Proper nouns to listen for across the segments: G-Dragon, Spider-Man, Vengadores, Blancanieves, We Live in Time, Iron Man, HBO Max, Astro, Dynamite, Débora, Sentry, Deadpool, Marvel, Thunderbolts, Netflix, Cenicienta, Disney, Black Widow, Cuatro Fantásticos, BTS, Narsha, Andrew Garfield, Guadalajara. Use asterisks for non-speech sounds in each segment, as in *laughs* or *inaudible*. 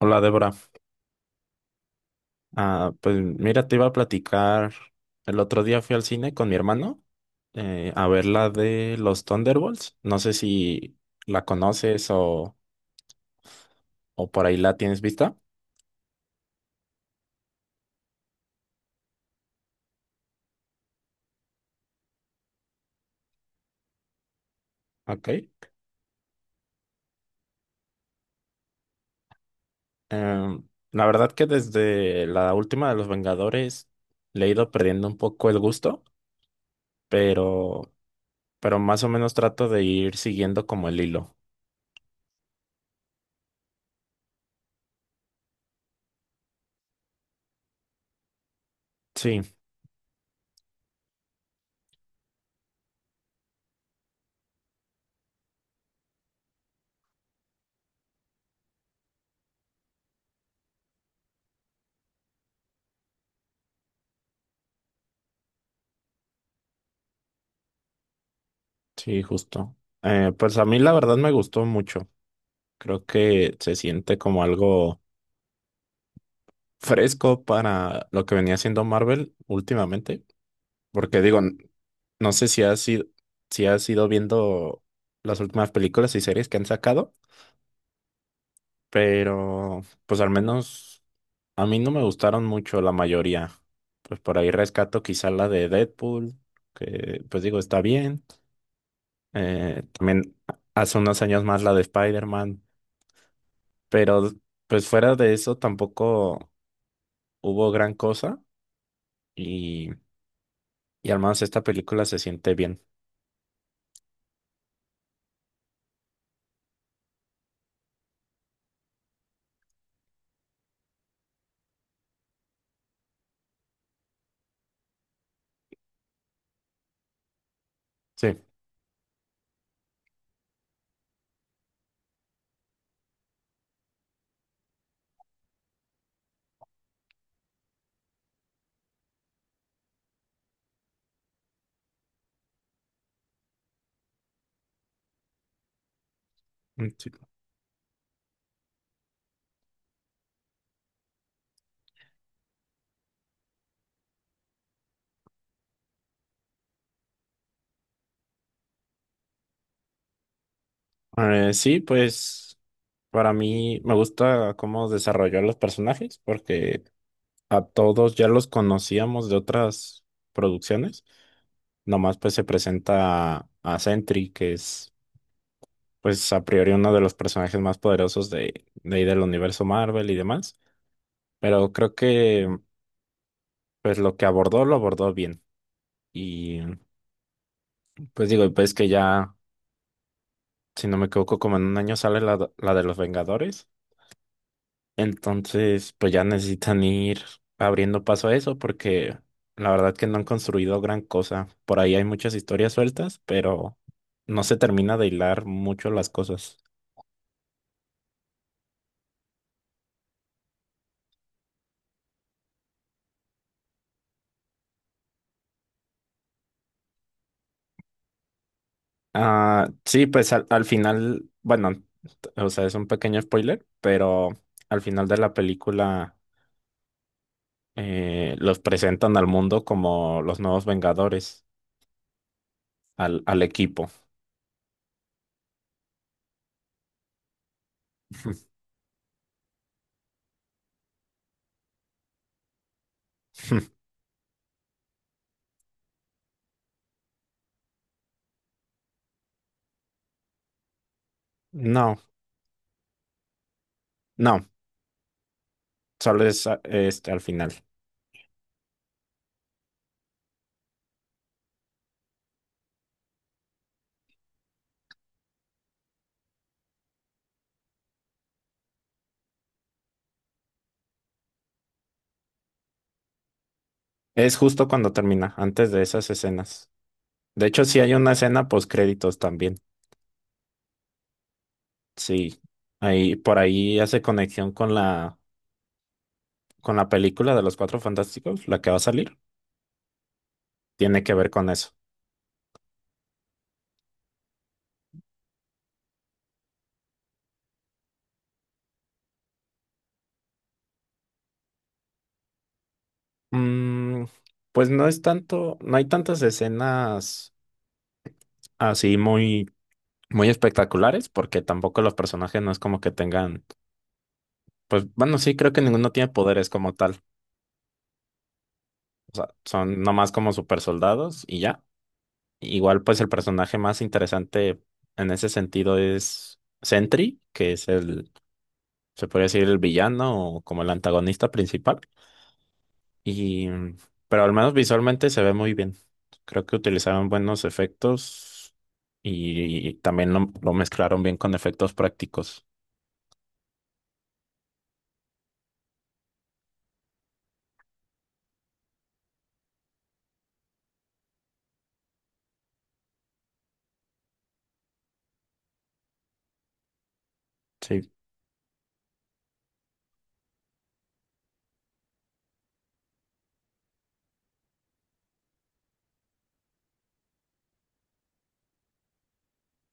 Hola Débora. Pues mira, te iba a platicar, el otro día fui al cine con mi hermano a ver la de los Thunderbolts, no sé si la conoces o por ahí la tienes vista. Ok. Em, la verdad que desde la última de los Vengadores le he ido perdiendo un poco el gusto, pero, pero más o menos trato de ir siguiendo como el hilo. Sí, sí, justo. Pues a mí la verdad me gustó mucho, creo que se siente como algo fresco para lo que venía haciendo Marvel últimamente, porque digo, no sé si has ido, si has ido viendo las últimas películas y series que han sacado, pero pues al menos a mí no me gustaron mucho la mayoría. Pues por ahí rescato quizá la de Deadpool, que pues digo, está bien. También hace unos años más la de Spider-Man, pero pues fuera de eso tampoco hubo gran cosa. Y Y hermanos, esta película se siente bien. Sí. Mm, sí. Sí, pues para mí me gusta cómo desarrolló a los personajes porque a todos ya los conocíamos de otras producciones. Nomás pues se presenta a Sentry, que es pues a priori uno de los personajes más poderosos de ahí del universo Marvel y demás. Pero creo que pues lo que abordó lo abordó bien. Y pues digo, pues que ya, si no me equivoco, como en un año sale la de los Vengadores. Entonces, pues ya necesitan ir abriendo paso a eso porque la verdad que no han construido gran cosa. Por ahí hay muchas historias sueltas, pero no se termina de hilar mucho las cosas. Ah, sí, pues al final, bueno, o sea, es un pequeño spoiler, pero al final de la película los presentan al mundo como los nuevos Vengadores, al equipo. *laughs* No, no, solo es este, al final. Es justo cuando termina, antes de esas escenas. De hecho, sí hay una escena post créditos también. Sí. Ahí, por ahí hace conexión con con la película de los Cuatro Fantásticos, la que va a salir. Tiene que ver con eso. Mm, pues no es tanto, no hay tantas escenas así muy, muy espectaculares, porque tampoco los personajes no es como que tengan, pues bueno, sí, creo que ninguno tiene poderes como tal. O sea, son nomás como super soldados y ya. Igual, pues el personaje más interesante en ese sentido es Sentry, que es el, se podría decir, el villano o como el antagonista principal. Y, mm, pero al menos visualmente se ve muy bien. Creo que utilizaron buenos efectos y, también lo mezclaron bien con efectos prácticos. Sí.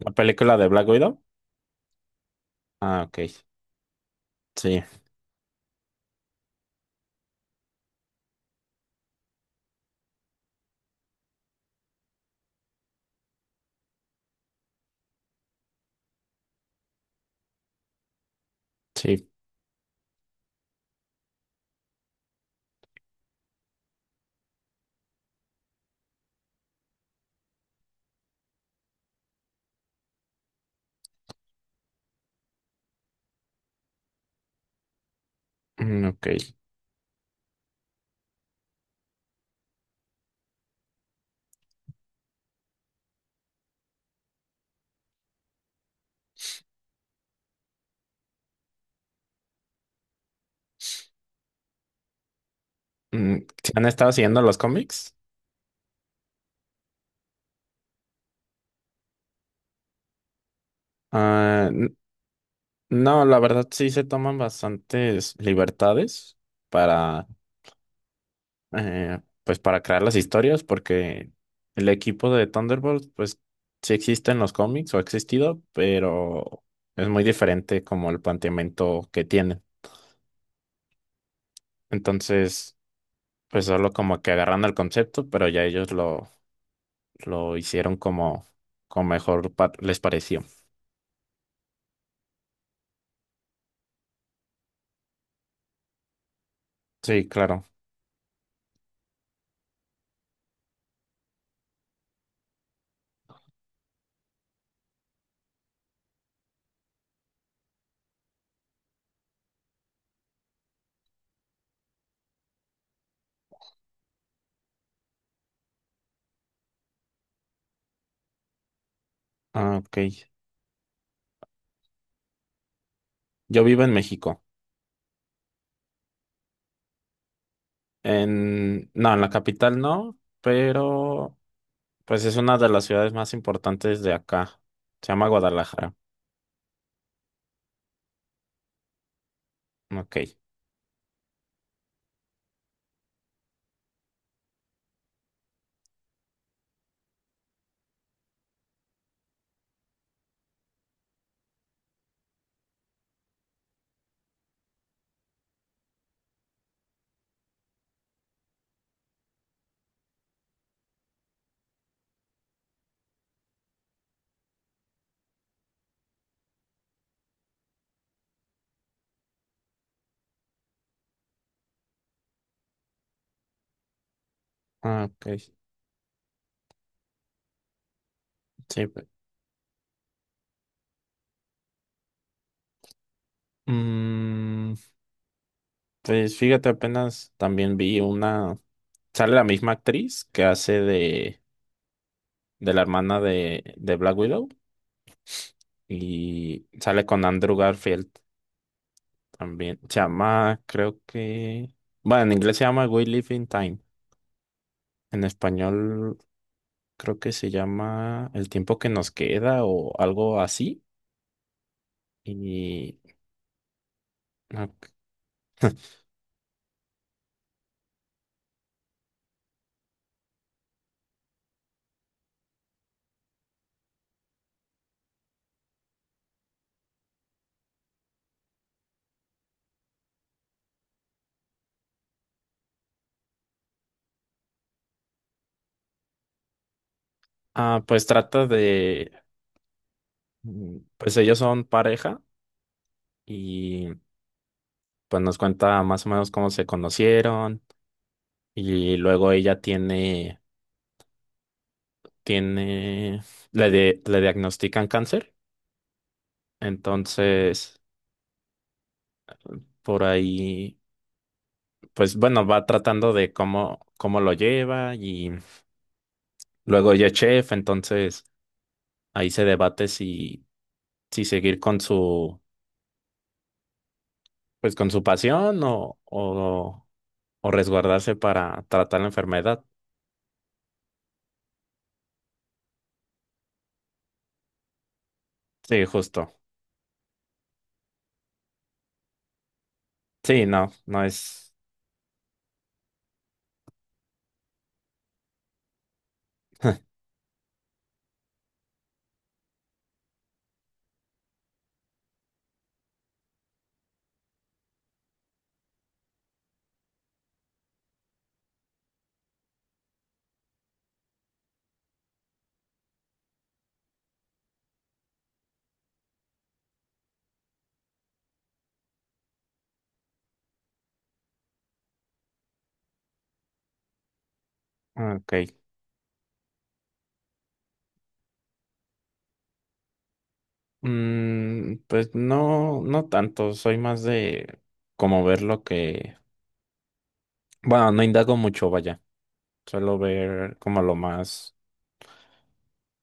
La película de Black Widow. Ah, ok. Sí, sí. Mm, ok. Mm, ¿sí? ¿Han estado siguiendo los cómics? Ah, no, la verdad sí se toman bastantes libertades para, eh, pues para crear las historias, porque el equipo de Thunderbolts, pues sí existe en los cómics o ha existido, pero es muy diferente como el planteamiento que tienen. Entonces, pues solo como que agarran el concepto, pero ya ellos lo hicieron como, como mejor les pareció. Sí, claro. Ah, ok. Yo vivo en México. En, no, en la capital no, pero pues es una de las ciudades más importantes de acá. Se llama Guadalajara. Ok. Ah, ok. Sí. Mm, pues fíjate, apenas también vi una. Sale la misma actriz que hace de la hermana de Black Widow. Y sale con Andrew Garfield también. Se llama, creo que. Bueno, en inglés se llama We Live in Time. En español creo que se llama El tiempo que nos queda o algo así. Y. Ok. *laughs* Ah, pues trata de, pues ellos son pareja y pues nos cuenta más o menos cómo se conocieron y luego ella tiene, le diagnostican cáncer, entonces por ahí, pues bueno, va tratando de cómo, cómo lo lleva y luego ella es chef, entonces ahí se debate si, si seguir con su, pues con su pasión o resguardarse para tratar la enfermedad. Sí, justo. Sí, no, no es. *laughs* Ok. Pues no, no tanto. Soy más de como ver lo que. Bueno, no indago mucho, vaya. Suelo ver como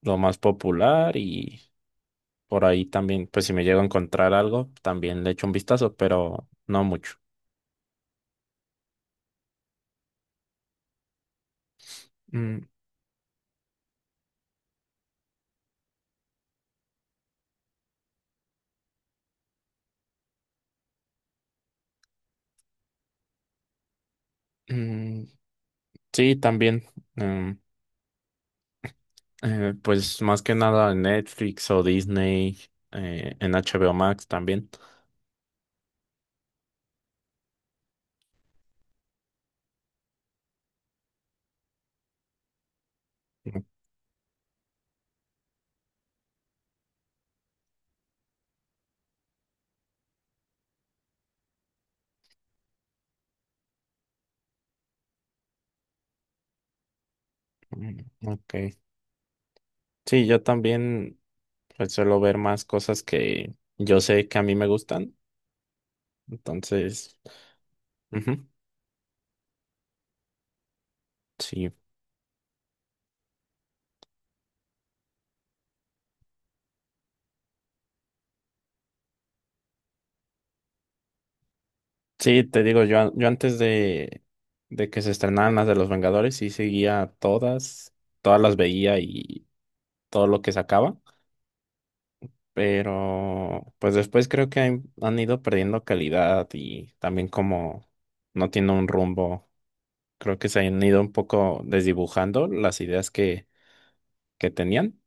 lo más popular y por ahí también, pues si me llego a encontrar algo, también le echo un vistazo, pero no mucho. Mm, mm, sí, también. em, pues más que nada en Netflix o Disney, en HBO Max también. Mm, ok. Sí, yo también pues, suelo ver más cosas que yo sé que a mí me gustan. Entonces, ujú, sí. Sí, te digo, yo, yo antes de que se estrenaran las de los Vengadores, sí seguía todas, todas las veía y todo lo que sacaba. Pero pues después creo que han, han ido perdiendo calidad y también como no tiene un rumbo, creo que se han ido un poco desdibujando las ideas que tenían.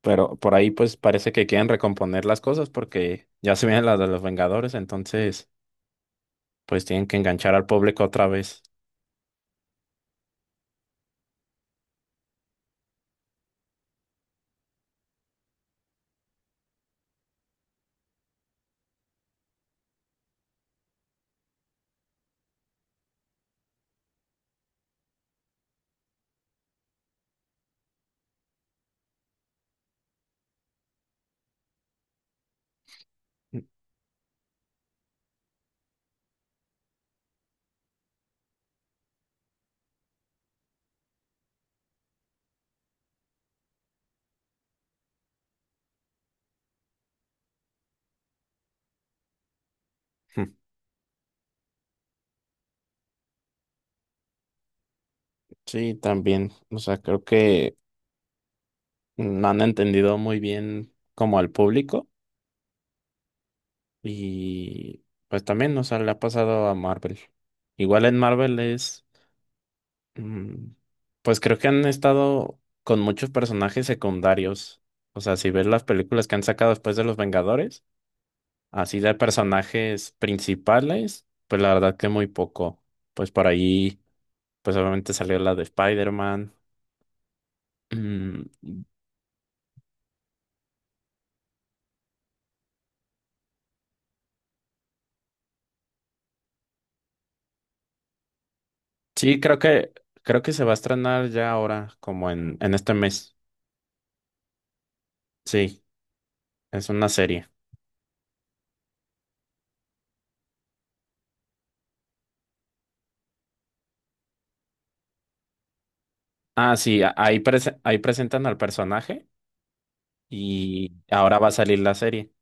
Pero por ahí pues parece que quieren recomponer las cosas porque ya se vienen las de los Vengadores, entonces pues tienen que enganchar al público otra vez. Ujú. Sí, también. O sea, creo que no han entendido muy bien como al público y pues también, o sea, le ha pasado a Marvel. Igual en Marvel es, mm, pues creo que han estado con muchos personajes secundarios. O sea, si ves las películas que han sacado después de los Vengadores. Así de personajes principales, pues la verdad que muy poco. Pues por ahí, pues obviamente salió la de Spider-Man. Mm, sí, creo que se va a estrenar ya ahora, como en este mes. Sí, es una serie. Ah, sí, ahí, ahí presentan al personaje y ahora va a salir la serie.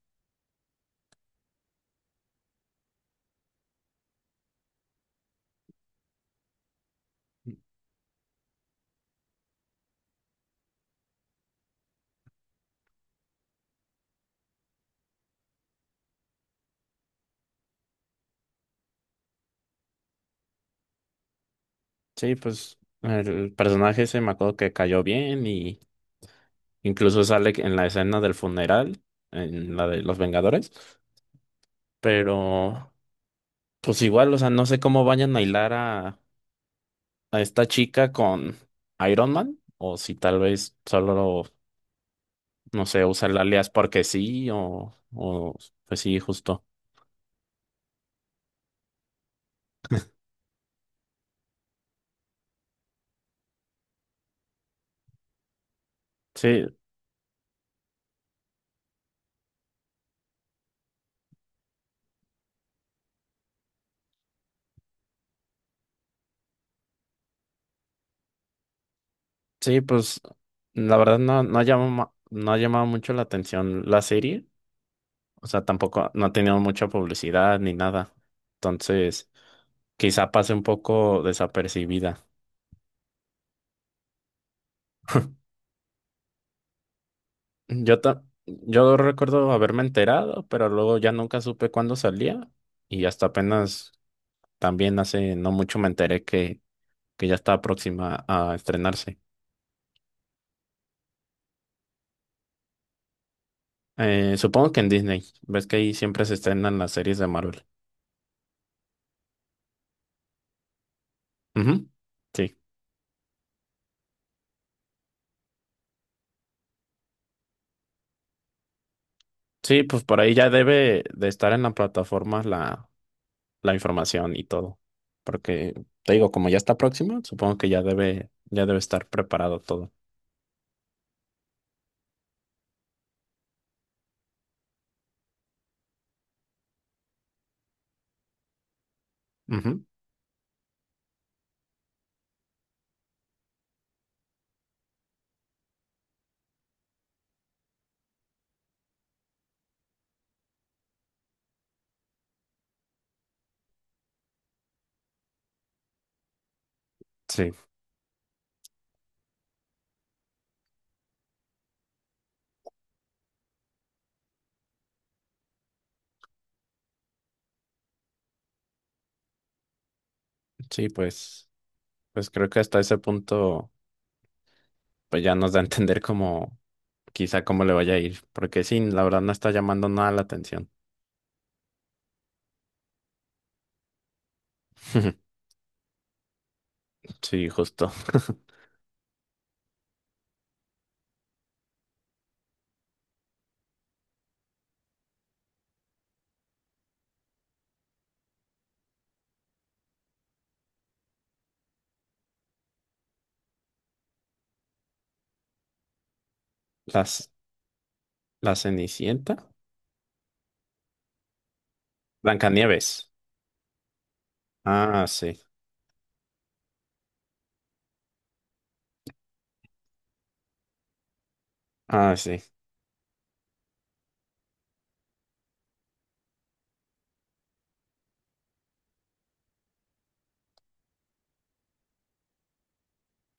Sí, pues el personaje se me acuerdo que cayó bien y incluso sale en la escena del funeral, en la de Los Vengadores. Pero, pues igual, o sea, no sé cómo vayan a hilar a esta chica con Iron Man. O si tal vez solo, no sé, usa el alias porque sí, o pues sí, justo. Sí, sí, pues la verdad no, no ha llamado, no ha llamado mucho la atención la serie. O sea, tampoco no ha tenido mucha publicidad ni nada. Entonces, quizá pase un poco desapercibida. Yo, yo recuerdo haberme enterado, pero luego ya nunca supe cuándo salía y hasta apenas también hace no mucho me enteré que ya está próxima a estrenarse. Supongo que en Disney, ves que ahí siempre se estrenan las series de Marvel. Ujú, sí, sí, pues por ahí ya debe de estar en la plataforma la información y todo, porque te digo, como ya está próxima, supongo que ya debe estar preparado todo. Ujú, sí, sí, pues. Pues creo que hasta ese punto, pues ya nos da a entender como quizá cómo le vaya a ir, porque sí, la verdad no está llamando nada la atención. *laughs* Sí, justo. *laughs* Las, la Cenicienta. Blancanieves. Ah, sí. Ah, sí.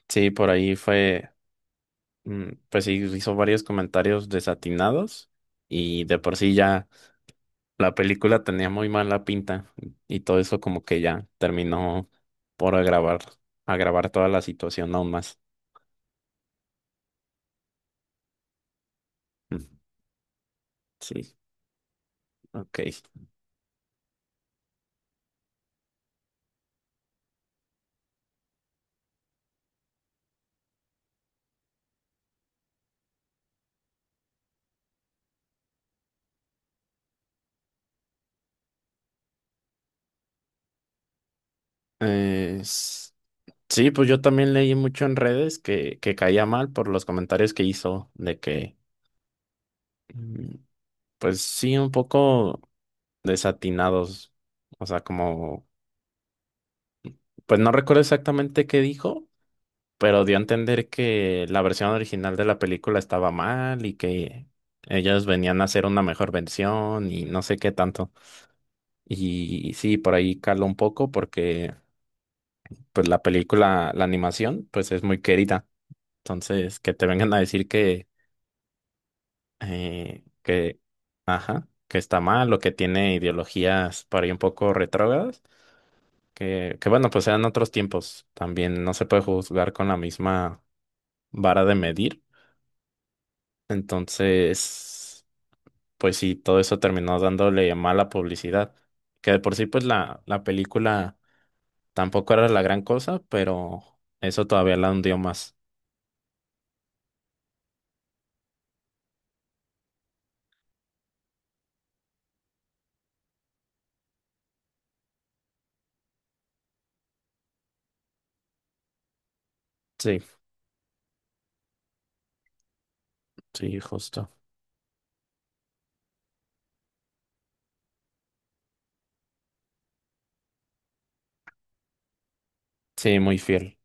Sí, por ahí fue, pues sí, hizo varios comentarios desatinados y de por sí ya la película tenía muy mala pinta y todo eso como que ya terminó por agravar, agravar toda la situación aún más. Mm, sí. Ok. es Sí, pues yo también leí mucho en redes que caía mal por los comentarios que hizo, de que, mm, pues sí, un poco desatinados. O sea, como, pues no recuerdo exactamente qué dijo, pero dio a entender que la versión original de la película estaba mal y que ellos venían a hacer una mejor versión y no sé qué tanto. Y sí, por ahí caló un poco porque, pues la película, la animación, pues es muy querida. Entonces, que te vengan a decir que, eh, que, ajá, que está mal o que tiene ideologías por ahí un poco retrógradas, que bueno, pues eran otros tiempos. También no se puede juzgar con la misma vara de medir. Entonces, pues sí, todo eso terminó dándole mala publicidad. Que de por sí, pues la película tampoco era la gran cosa, pero eso todavía la hundió más. Sí, sí, justo. Sí, muy fiel.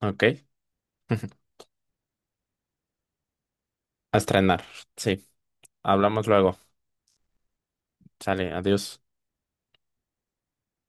Ok. *laughs* A estrenar. Sí. Hablamos luego. Sale, adiós.